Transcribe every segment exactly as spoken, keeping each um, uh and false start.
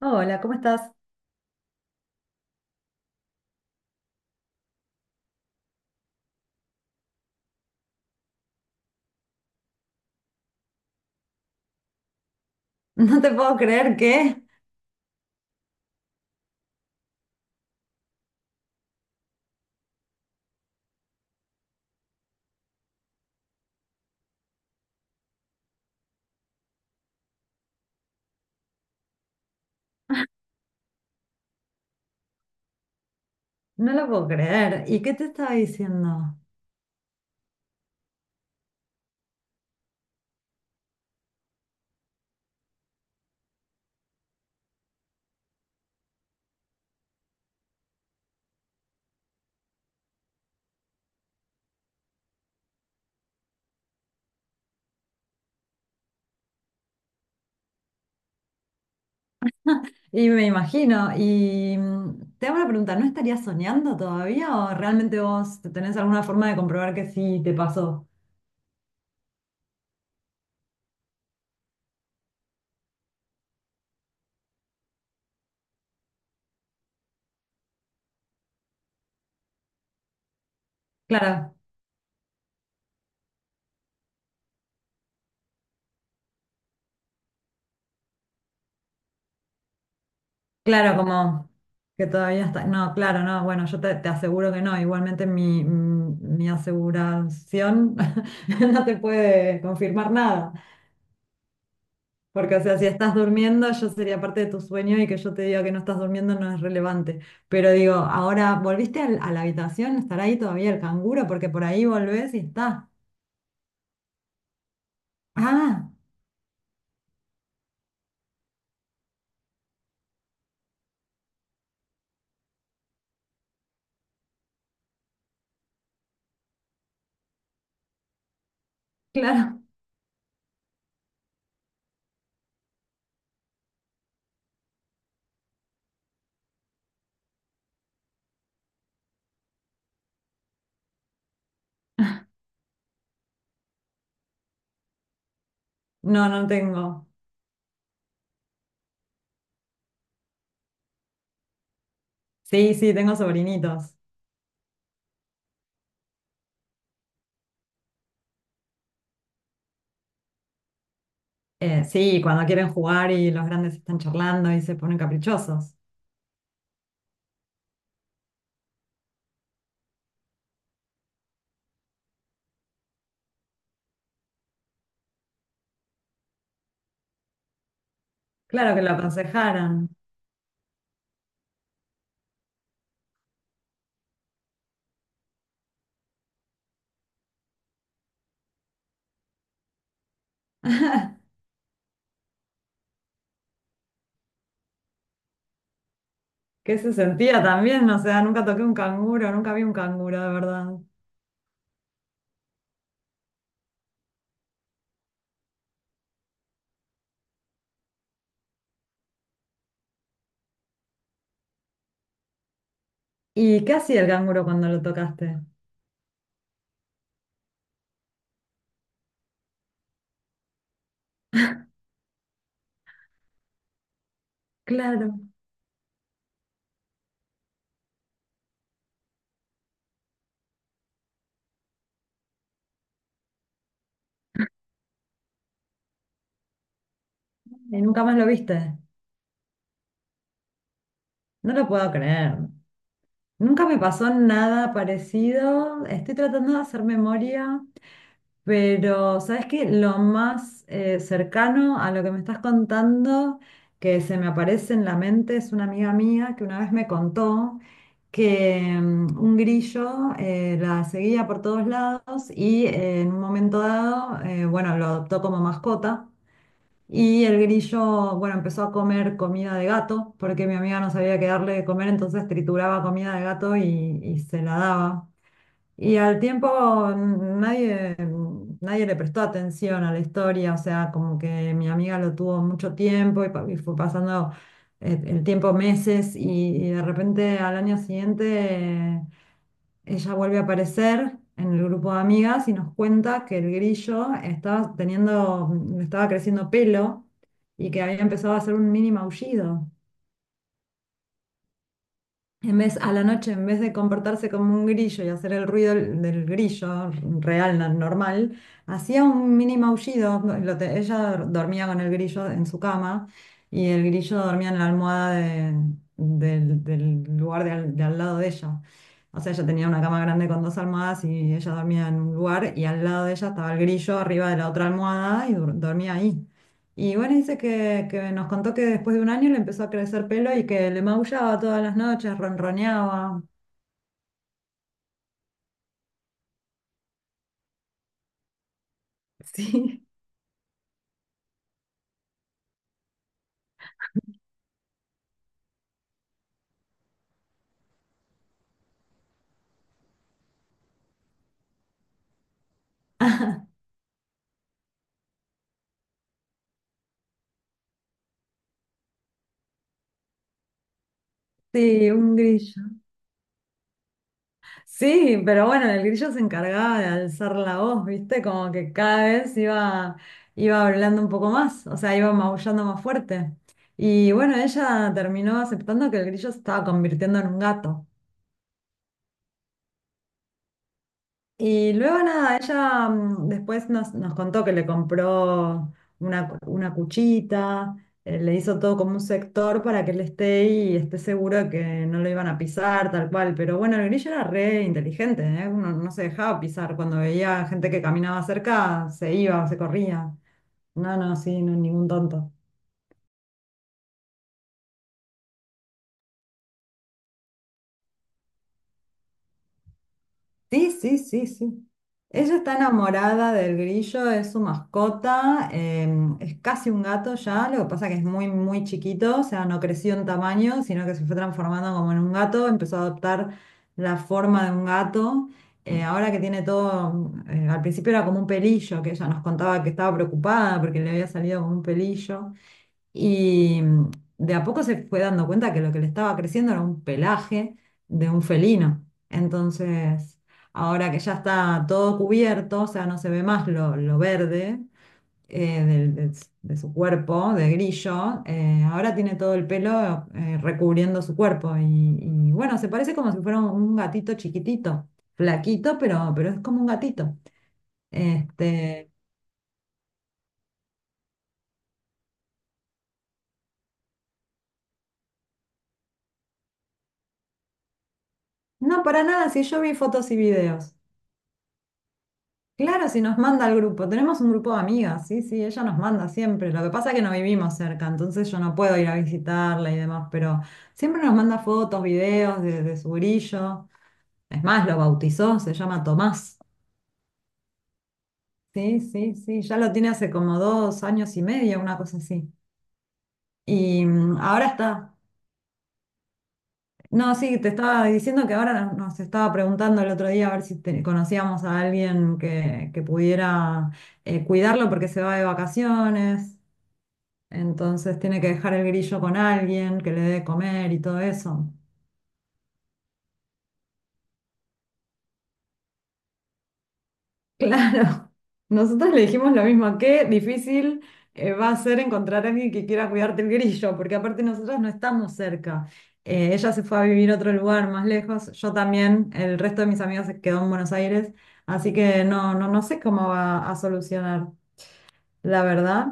Hola, ¿cómo estás? No te puedo creer que, no lo puedo creer. ¿Y qué te estaba diciendo? Y me imagino, y mm, te hago una pregunta, ¿no estarías soñando todavía o realmente vos tenés alguna forma de comprobar que sí te pasó? Claro, claro, como que todavía está. No, claro, no, bueno, yo te, te aseguro que no. Igualmente mi, mm, mi aseguración no te puede confirmar nada. Porque, o sea, si estás durmiendo, yo sería parte de tu sueño y que yo te diga que no estás durmiendo no es relevante. Pero digo, ahora, ¿volviste al- ¿a la habitación? ¿Estará ahí todavía el canguro? Porque por ahí volvés y está. Ah, claro. No, no tengo. Sí, sí, tengo sobrinitos. Eh, sí, cuando quieren jugar y los grandes están charlando y se ponen caprichosos. Claro que lo aconsejaran. ¿Qué se sentía también? O sea, nunca toqué un canguro, nunca vi un canguro, de verdad. ¿Y qué hacía el canguro cuando lo tocaste? Claro. ¿Y nunca más lo viste? No lo puedo creer. Nunca me pasó nada parecido. Estoy tratando de hacer memoria, pero ¿sabes qué? Lo más eh, cercano a lo que me estás contando que se me aparece en la mente es una amiga mía que una vez me contó que mm, un grillo eh, la seguía por todos lados y eh, en un momento dado, eh, bueno, lo adoptó como mascota. Y el grillo, bueno, empezó a comer comida de gato, porque mi amiga no sabía qué darle de comer, entonces trituraba comida de gato y, y se la daba. Y al tiempo mm, nadie, nadie le prestó atención a la historia, o sea, como que mi amiga lo tuvo mucho tiempo y, pa- y fue pasando eh, el tiempo meses y, y de repente al año siguiente ella vuelve a aparecer en el grupo de amigas y nos cuenta que el grillo estaba teniendo, estaba creciendo pelo y que había empezado a hacer un mini maullido. En vez, a la noche, en vez de comportarse como un grillo y hacer el ruido del del grillo real, no- normal, hacía un mini maullido. Lo te- ella dormía con el grillo en su cama y el grillo dormía en la almohada de- del, del lugar de al, de al lado de ella. O sea, ella tenía una cama grande con dos almohadas y ella dormía en un lugar y al lado de ella estaba el grillo arriba de la otra almohada y dur- dormía ahí. Y bueno, dice que, que nos contó que después de un año le empezó a crecer pelo y que le maullaba todas las noches, ronroneaba. Sí. Sí, un grillo. Sí, pero bueno, el grillo se encargaba de alzar la voz, ¿viste? Como que cada vez iba, iba hablando un poco más, o sea, iba maullando más fuerte. Y bueno, ella terminó aceptando que el grillo se estaba convirtiendo en un gato. Y luego nada, ella mm, después nos, nos contó que le compró una, cu- una cuchita, eh, le hizo todo como un sector para que él esté y esté seguro de que no lo iban a pisar, tal cual. Pero bueno, el grillo era re inteligente, ¿eh? Uno no se dejaba pisar. Cuando veía gente que caminaba cerca, se iba, se corría. No, no, sí, no, ningún tonto. Sí, sí, sí, sí. Ella está enamorada del grillo, es su mascota, em, es casi un gato ya, lo que pasa que es muy, muy chiquito, o sea, no creció en tamaño, sino que se fue transformando como en un gato, empezó a adoptar la forma de un gato. Eh, ahora que tiene todo, eh, al principio era como un pelillo, que ella nos contaba que estaba preocupada porque le había salido como un pelillo. Y mm, de a poco se fue dando cuenta que lo que le estaba creciendo era un pelaje de un felino. Entonces, ahora que ya está todo cubierto, o sea, no se ve más lo, lo verde eh, del- de, s- de su cuerpo, de grillo, eh, ahora tiene todo el pelo eh, recubriendo su cuerpo. Y, y bueno, se parece como si fuera un, un gatito chiquitito, flaquito, pero, pero es como un gatito. Este, no, para nada, si yo vi fotos y videos. Claro, si nos manda al grupo. Tenemos un grupo de amigas, sí, sí, ella nos manda siempre. Lo que pasa es que no vivimos cerca, entonces yo no puedo ir a visitarla y demás, pero siempre nos manda fotos, videos de, de su grillo. Es más, lo bautizó, se llama Tomás. Sí, sí, sí, ya lo tiene hace como dos años y medio, una cosa así. Y mm, ahora está. No, sí, te estaba diciendo que ahora nos nos estaba preguntando el otro día a ver si te- conocíamos a alguien que, que pudiera eh, cuidarlo porque se va de vacaciones. Entonces tiene que dejar el grillo con alguien que le dé de comer y todo eso. Claro, nosotros le dijimos lo mismo, qué difícil eh, va a ser encontrar a alguien que quiera cuidarte el grillo, porque aparte nosotros no estamos cerca. Eh, ella se fue a vivir a otro lugar más lejos, yo también, el resto de mis amigos se quedó en Buenos Aires, así que no, no, no sé cómo va a solucionar, la verdad.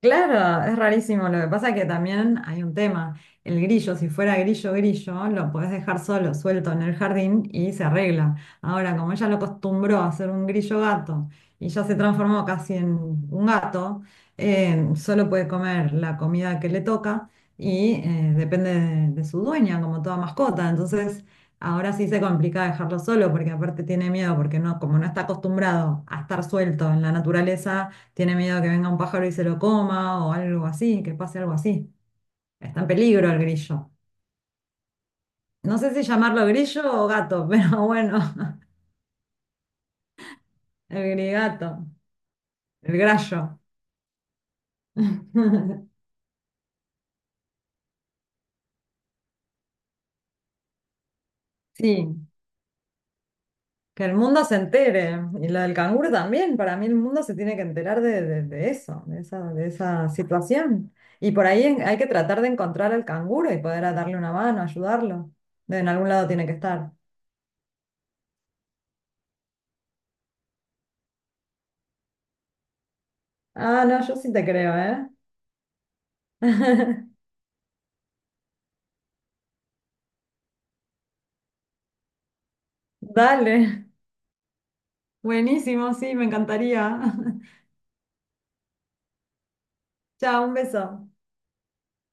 Claro, es rarísimo. Lo que pasa es que también hay un tema. El grillo, si fuera grillo, grillo, lo podés dejar solo, suelto en el jardín y se arregla. Ahora, como ella lo acostumbró a ser un grillo gato y ya se transformó casi en un gato, eh, solo puede comer la comida que le toca y eh, depende de, de su dueña, como toda mascota. Entonces, ahora sí se complica dejarlo solo porque aparte tiene miedo porque no, como no está acostumbrado a estar suelto en la naturaleza tiene miedo a que venga un pájaro y se lo coma o algo así, que pase algo así. Está en peligro el grillo. No sé si llamarlo grillo o gato, pero bueno, el grigato, el grallo. Sí, que el mundo se entere. Y lo del canguro también, para mí el mundo se tiene que enterar de, de- de eso, de esa, de esa situación. Y por ahí en- hay que tratar de encontrar al canguro y poder darle una mano, ayudarlo. De en algún lado tiene que estar. Ah, no, yo sí te creo, ¿eh? Dale. Buenísimo, sí, me encantaría. Chao, un beso.